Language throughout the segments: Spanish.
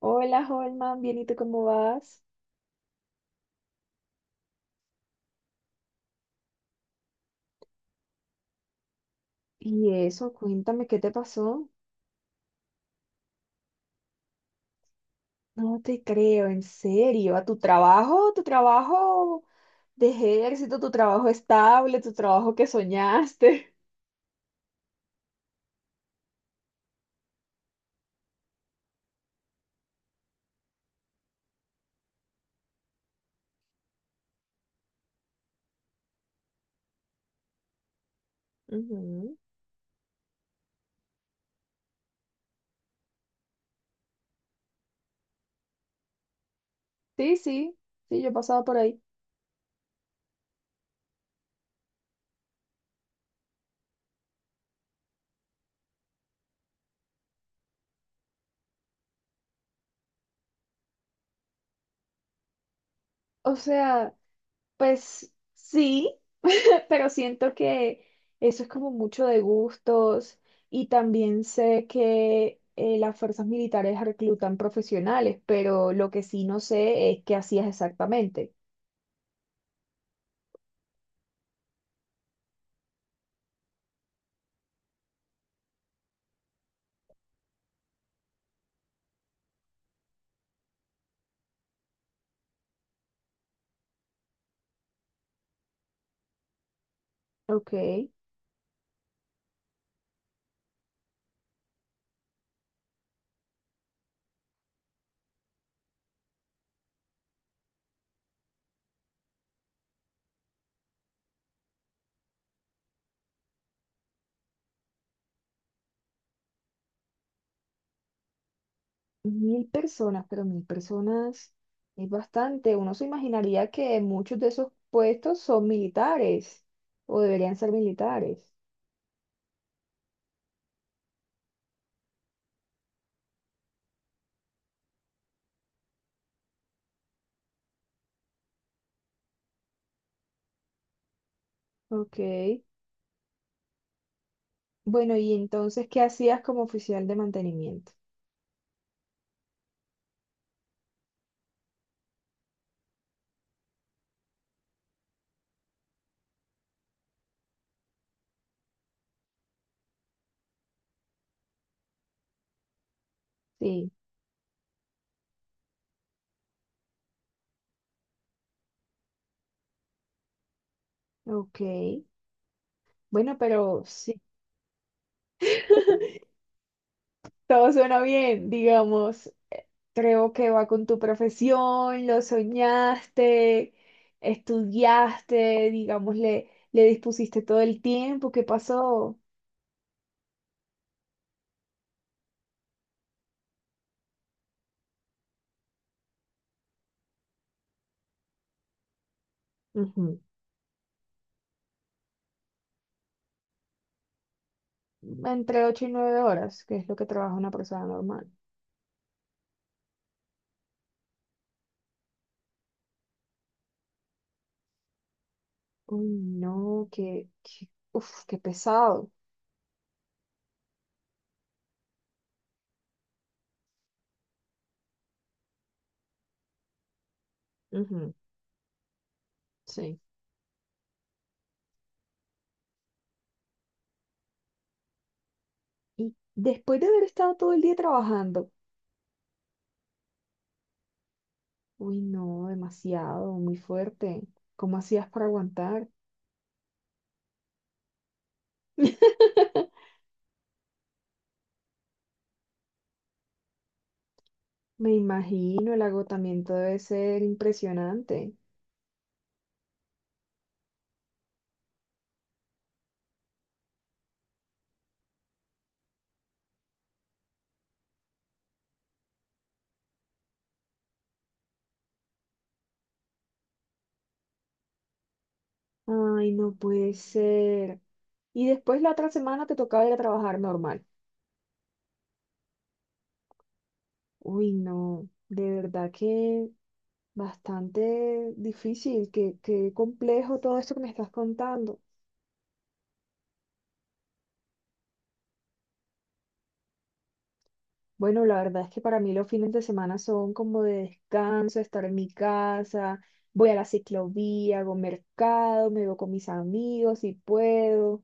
Hola, Holman, bien, ¿y tú cómo vas? Y eso, cuéntame, ¿qué te pasó? No te creo, en serio, a tu trabajo de ejército, tu trabajo estable, tu trabajo que soñaste. Ujú. Sí, sí, sí, yo he pasado por ahí. O sea, pues sí, pero siento que eso es como mucho de gustos y también sé que las fuerzas militares reclutan profesionales, pero lo que sí no sé es qué hacías exactamente. Ok. 1.000 personas, pero 1.000 personas es bastante. Uno se imaginaría que muchos de esos puestos son militares o deberían ser militares. Ok, bueno, y entonces, ¿qué hacías como oficial de mantenimiento? Sí, ok. Bueno, pero sí. Todo suena bien, digamos. Creo que va con tu profesión, lo soñaste, estudiaste, digamos, le dispusiste todo el tiempo que pasó. Ujú. Entre 8 y 9 horas, que es lo que trabaja una persona normal. Uy, no, Uf, qué pesado. Ujú. Sí. Y después de haber estado todo el día trabajando, uy, no, demasiado, muy fuerte. ¿Cómo hacías para aguantar? Me imagino, el agotamiento debe ser impresionante. Ay, no puede ser. Y después la otra semana te tocaba ir a trabajar normal. Uy, no, de verdad que bastante difícil, qué complejo todo esto que me estás contando. Bueno, la verdad es que para mí los fines de semana son como de descanso, estar en mi casa, voy a la ciclovía, hago mercado, me veo con mis amigos si puedo.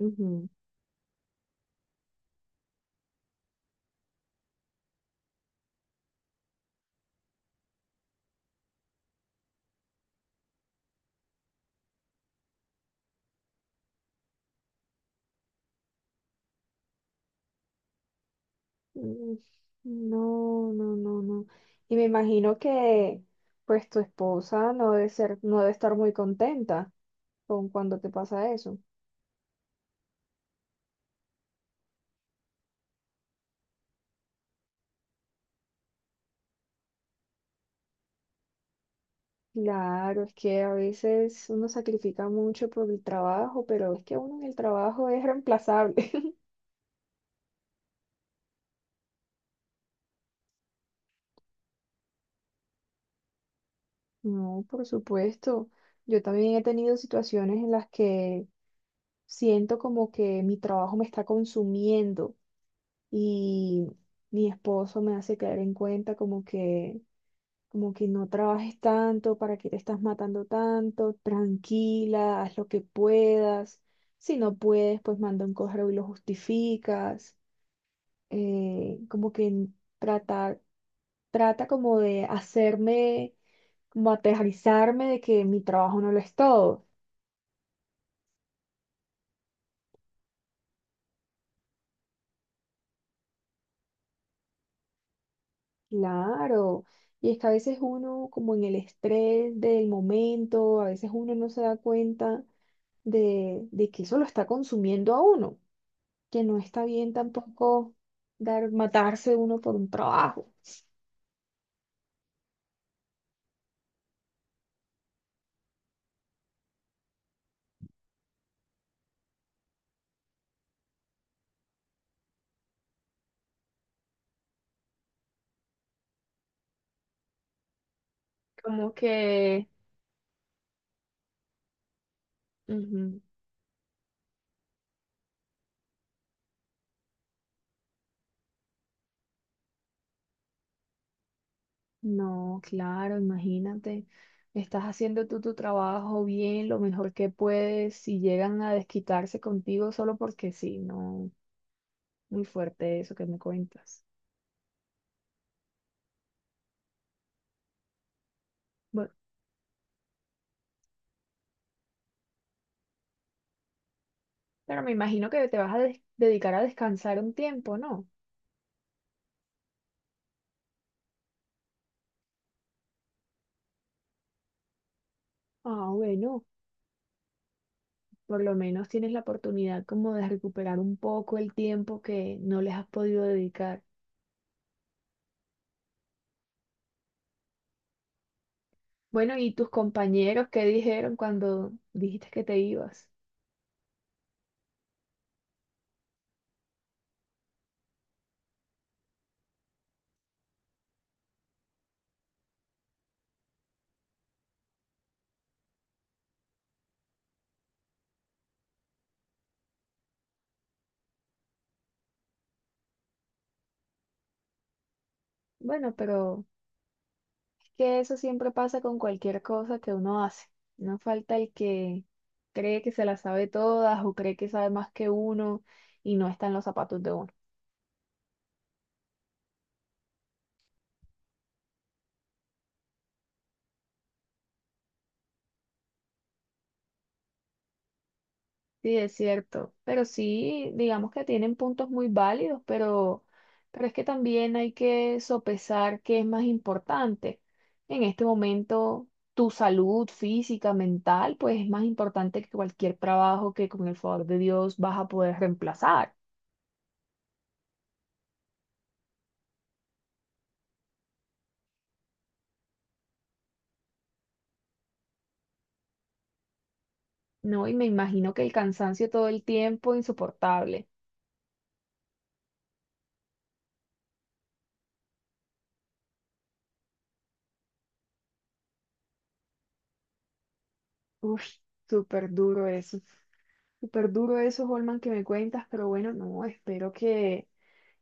Ujú. Mm. No, no, no, no. Y me imagino que pues tu esposa no debe ser, no debe estar muy contenta con cuando te pasa eso. Claro, es que a veces uno sacrifica mucho por el trabajo, pero es que uno en el trabajo es reemplazable. No, por supuesto. Yo también he tenido situaciones en las que siento como que mi trabajo me está consumiendo y mi esposo me hace caer en cuenta como que no trabajes tanto, para que te estás matando tanto, tranquila, haz lo que puedas. Si no puedes, pues manda un correo y lo justificas. Eh, como que n- Trata, trata como de hacerme, como aterrizarme de que mi trabajo no lo es todo. Claro. Y es que a veces uno, como en el estrés del momento, a veces uno no se da cuenta de que eso lo está consumiendo a uno, que no está bien tampoco dar, matarse uno por un trabajo. Como que, Ujú. No, claro, imagínate, estás haciendo tú tu trabajo bien, lo mejor que puedes, y llegan a desquitarse contigo solo porque sí, no, muy fuerte eso que me cuentas. Bueno, pero me imagino que te vas a dedicar a descansar un tiempo, ¿no? Ah, bueno, por lo menos tienes la oportunidad como de recuperar un poco el tiempo que no les has podido dedicar. Bueno, ¿y tus compañeros qué dijeron cuando dijiste que te ibas? Bueno, pero es que eso siempre pasa con cualquier cosa que uno hace. No falta el que cree que se la sabe todas o cree que sabe más que uno y no está en los zapatos de uno. Sí, es cierto, pero sí, digamos que tienen puntos muy válidos, pero es que también hay que sopesar qué es más importante. En este momento, tu salud física, mental, pues es más importante que cualquier trabajo que con el favor de Dios vas a poder reemplazar, ¿no? Y me imagino que el cansancio todo el tiempo, insoportable. Uf, súper duro eso, súper duro eso, Holman, que me cuentas, pero bueno, no, espero que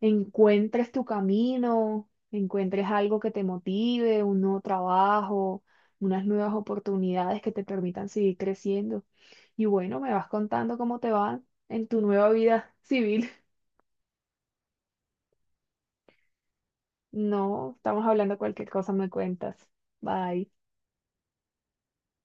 encuentres tu camino, encuentres algo que te motive, un nuevo trabajo, unas nuevas oportunidades que te permitan seguir creciendo. Y bueno, me vas contando cómo te va en tu nueva vida civil. No, estamos hablando cualquier cosa, me cuentas. Bye.